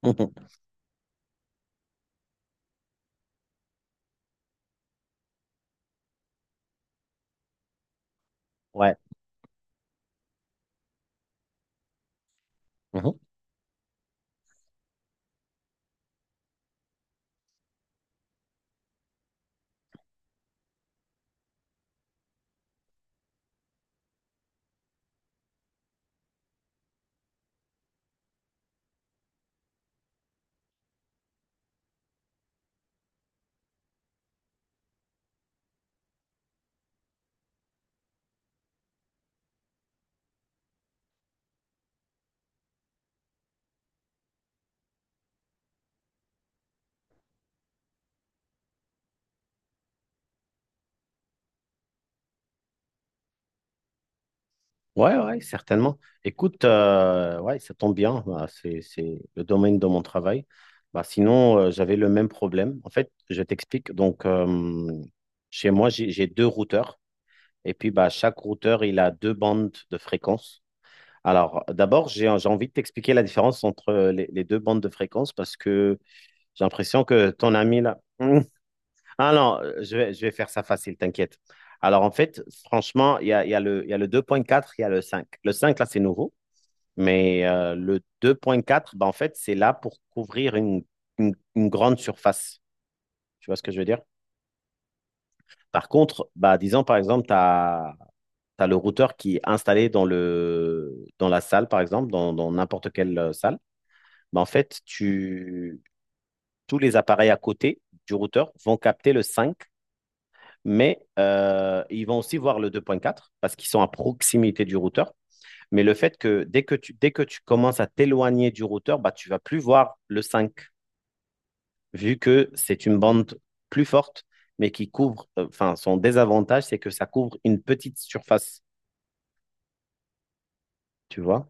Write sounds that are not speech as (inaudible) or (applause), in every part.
(laughs) Mhm. Ouais. Mhm. Ouais, ouais, certainement. Écoute, ouais, ça tombe bien. Bah, c'est le domaine de mon travail. Bah, sinon, j'avais le même problème. En fait, je t'explique. Donc, chez moi, j'ai deux routeurs. Et puis, bah, chaque routeur, il a deux bandes de fréquences. Alors, d'abord, j'ai envie de t'expliquer la différence entre les deux bandes de fréquences parce que j'ai l'impression que ton ami là. (laughs) Ah non, je vais faire ça facile, t'inquiète. Alors en fait, franchement, il y a le, il y a le 2.4, il y a le 5. Le 5 là, c'est nouveau, mais le deux point quatre, ben, en fait, c'est là pour couvrir une grande surface. Tu vois ce que je veux dire? Par contre, bah, disons par exemple, tu as le routeur qui est installé dans la salle, par exemple, dans n'importe quelle salle. Ben, en fait, tous les appareils à côté du routeur vont capter le 5. Mais ils vont aussi voir le deux point quatre parce qu'ils sont à proximité du routeur. Mais le fait que dès que tu commences à t'éloigner du routeur, bah, tu ne vas plus voir le 5 vu que c'est une bande plus forte, mais qui couvre, enfin, enfin, son désavantage, c'est que ça couvre une petite surface, tu vois.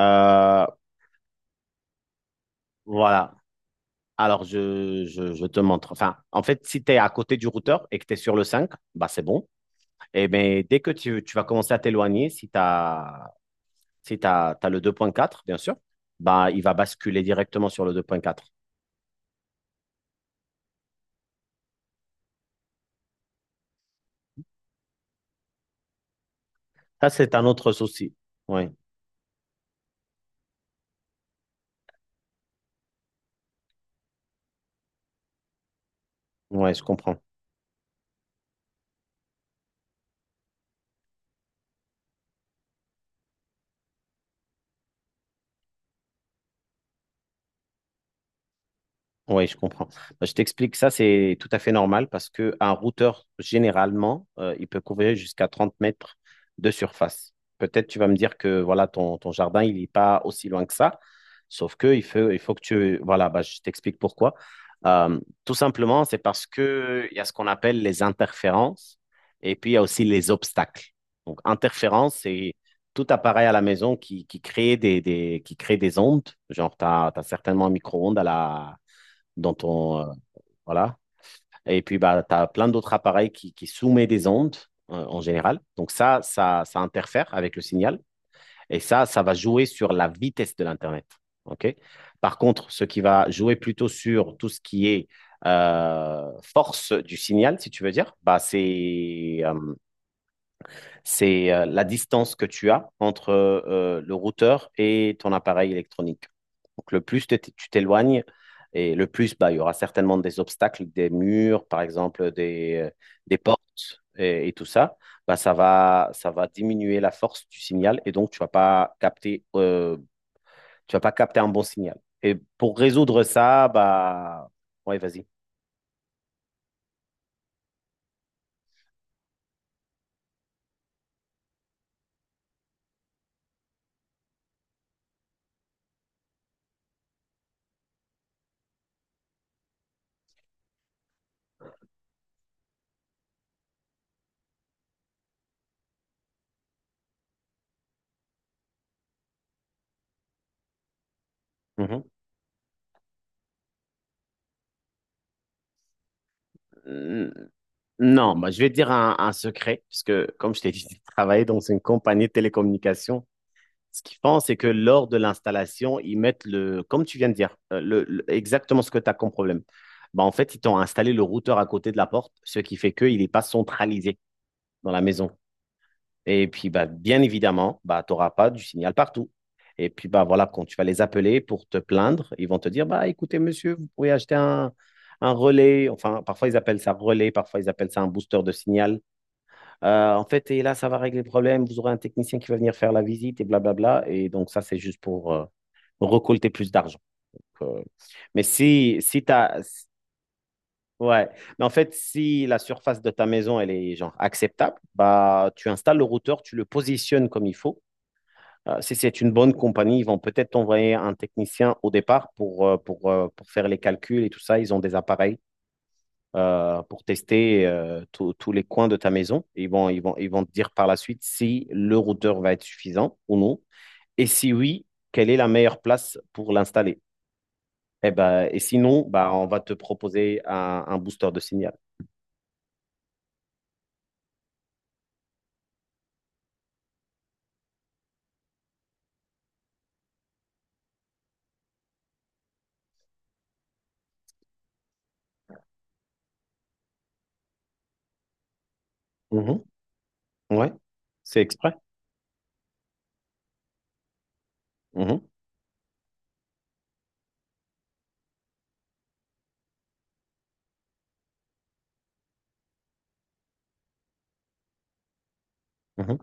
Euh, voilà. Alors, te montre. Enfin, en fait, si tu es à côté du routeur et que tu es sur le 5, bah, c'est bon. Et bien, tu vas commencer à t'éloigner, si tu as Si tu as, t'as le deux point quatre bien sûr, bah, il va basculer directement sur le deux point quatre. Ça, c'est un autre souci. Oui, ouais, je comprends. Oui, je comprends. Bah, je t'explique, ça c'est tout à fait normal parce que un routeur, généralement, il peut couvrir jusqu'à 30 mètres de surface. Peut-être tu vas me dire que voilà, ton jardin, il n'est pas aussi loin que ça, sauf que il faut que tu. Voilà, bah, je t'explique pourquoi. Euh, Tout simplement, c'est parce que il y a ce qu'on appelle les interférences et puis il y a aussi les obstacles. Donc, interférence, c'est tout appareil à la maison qui crée des ondes. Genre, tu as certainement un micro-ondes à la dans ton, voilà. Et puis, bah, tu as plein d'autres appareils qui soumettent des ondes en général. Donc ça interfère avec le signal. Et ça va jouer sur la vitesse de l'Internet. OK? Par contre, ce qui va jouer plutôt sur tout ce qui est force du signal, si tu veux dire, bah, c'est la distance que tu as entre le routeur et ton appareil électronique. Donc, le plus tu t'éloignes, et le plus, bah, il y aura certainement des obstacles, des murs, par exemple, des portes et tout ça. Bah, ça va diminuer la force du signal et donc tu vas pas capter un bon signal. Et pour résoudre ça, bah, ouais, vas-y. Mhm. Non, bah, je vais te dire un secret, puisque comme je t'ai dit, j'ai travaillé dans une compagnie de télécommunications. Ce qu'ils font, c'est que lors de l'installation, comme tu viens de dire, exactement ce que tu as comme problème. Bah, en fait, ils t'ont installé le routeur à côté de la porte, ce qui fait qu'il n'est pas centralisé dans la maison. Et puis, bah, bien évidemment, bah, tu n'auras pas du signal partout. Et puis, bah, voilà, quand tu vas les appeler pour te plaindre, ils vont te dire, bah, écoutez, monsieur, vous pourriez acheter un relais. Enfin, parfois, ils appellent ça relais, parfois, ils appellent ça un booster de signal. En fait, et là, ça va régler le problème. Vous aurez un technicien qui va venir faire la visite et blablabla. Et donc, ça, c'est juste pour récolter plus d'argent. euh, mais si, si t'as, ouais, mais en fait, si la surface de ta maison, elle est genre acceptable, bah, tu installes le routeur, tu le positionnes comme il faut. Si c'est une bonne compagnie, ils vont peut-être t'envoyer un technicien au départ pour faire les calculs et tout ça. Ils ont des appareils pour tester tous les coins de ta maison. Ils vont te dire par la suite si le routeur va être suffisant ou non. Et si oui, quelle est la meilleure place pour l'installer? Et, ben, sinon, bah, on va te proposer un booster de signal. Mhm. Ouais, c'est exprès. Mhm. Mhm.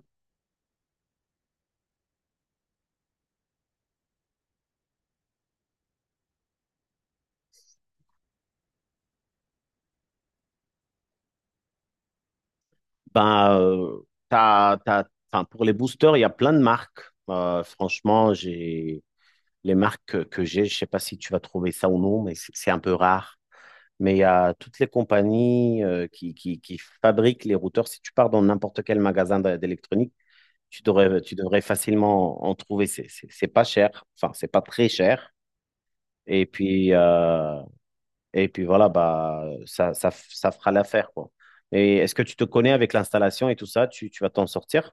Ben, t'as- t'as- enfin, pour les boosters, il y a plein de marques. Franchement, j'ai les marques que j'ai, je sais pas si tu vas trouver ça ou non, mais c'est un peu rare. Mais il y a toutes les compagnies qui fabriquent les routeurs. Si tu pars dans n'importe quel magasin d'électronique, tu devrais facilement en trouver. C'est pas cher, enfin, c'est pas très cher. Et puis, euh, et puis voilà, bah, ça fera l'affaire, quoi. Et est-ce que tu te connais avec l'installation et tout ça? Tu vas t'en sortir?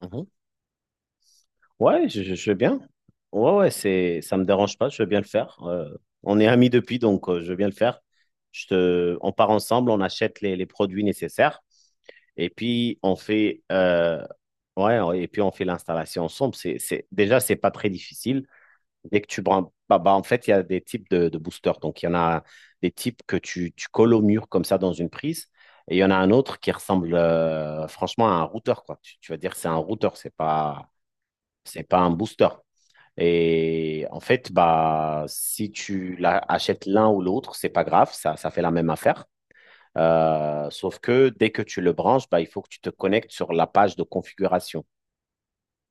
Mhm. Ouais, je veux bien. Ouais, ouais, ça me dérange pas, je veux bien le faire. On est amis depuis, donc je veux bien le faire. On part ensemble, on achète les produits nécessaires et puis ouais, et puis on fait l'installation ensemble. Déjà, c'est pas très difficile. Dès que tu branches, bah, en fait, il y a des types de boosters. Donc, il y en a des types que tu colles au mur comme ça dans une prise. Et il y en a un autre qui ressemble franchement à un routeur, quoi. Tu vas dire c'est un routeur, c'est pas un booster. Et en fait, bah, si tu achètes l'un ou l'autre, c'est pas grave, ça fait la même affaire. Sauf que dès que tu le branches, bah, il faut que tu te connectes sur la page de configuration.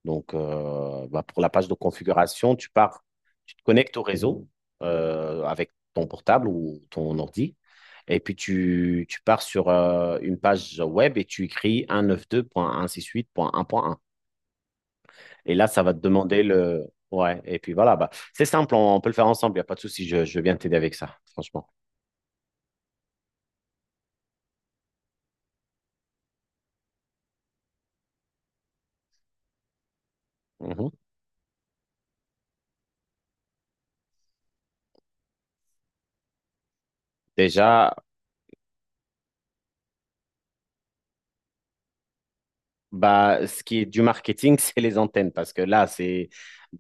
Donc, bah, pour la page de configuration, tu te connectes au réseau avec ton portable ou ton ordi. Et puis, tu pars sur une page web et tu écris 192.168.1.1. Et là, ça va te demander le. Ouais, et puis voilà, bah, c'est simple, on peut le faire ensemble, il n'y a pas de souci, je viens t'aider avec ça, franchement. Mhm. Déjà, bah, ce qui est du marketing, (laughs) c'est les antennes, parce que là, c'est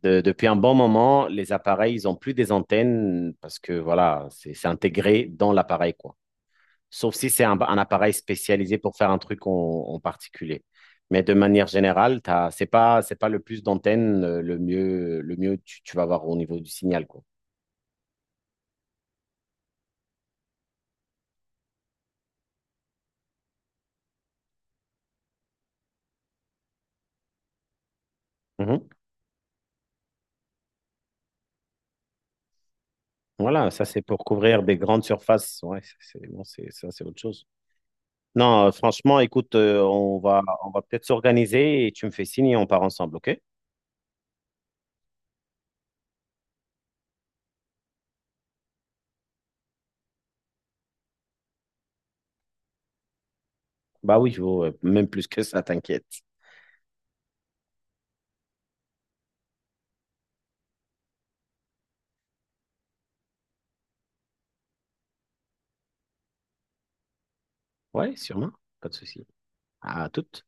depuis un bon moment, les appareils, ils ont plus des antennes, parce que voilà, c'est intégré dans l'appareil, quoi. Sauf si c'est un appareil spécialisé pour faire un truc en particulier. Mais de manière générale, c'est pas le plus d'antennes, le mieux tu vas avoir au niveau du signal, quoi. Mhm. Voilà, ça c'est pour couvrir des grandes surfaces. Ouais, bon, ça c'est autre chose. Non, franchement, écoute, on va peut-être s'organiser et tu me fais signe et on part ensemble, ok? Bah oui, même plus que ça, t'inquiète. Ouais, sûrement, pas de souci. À toute.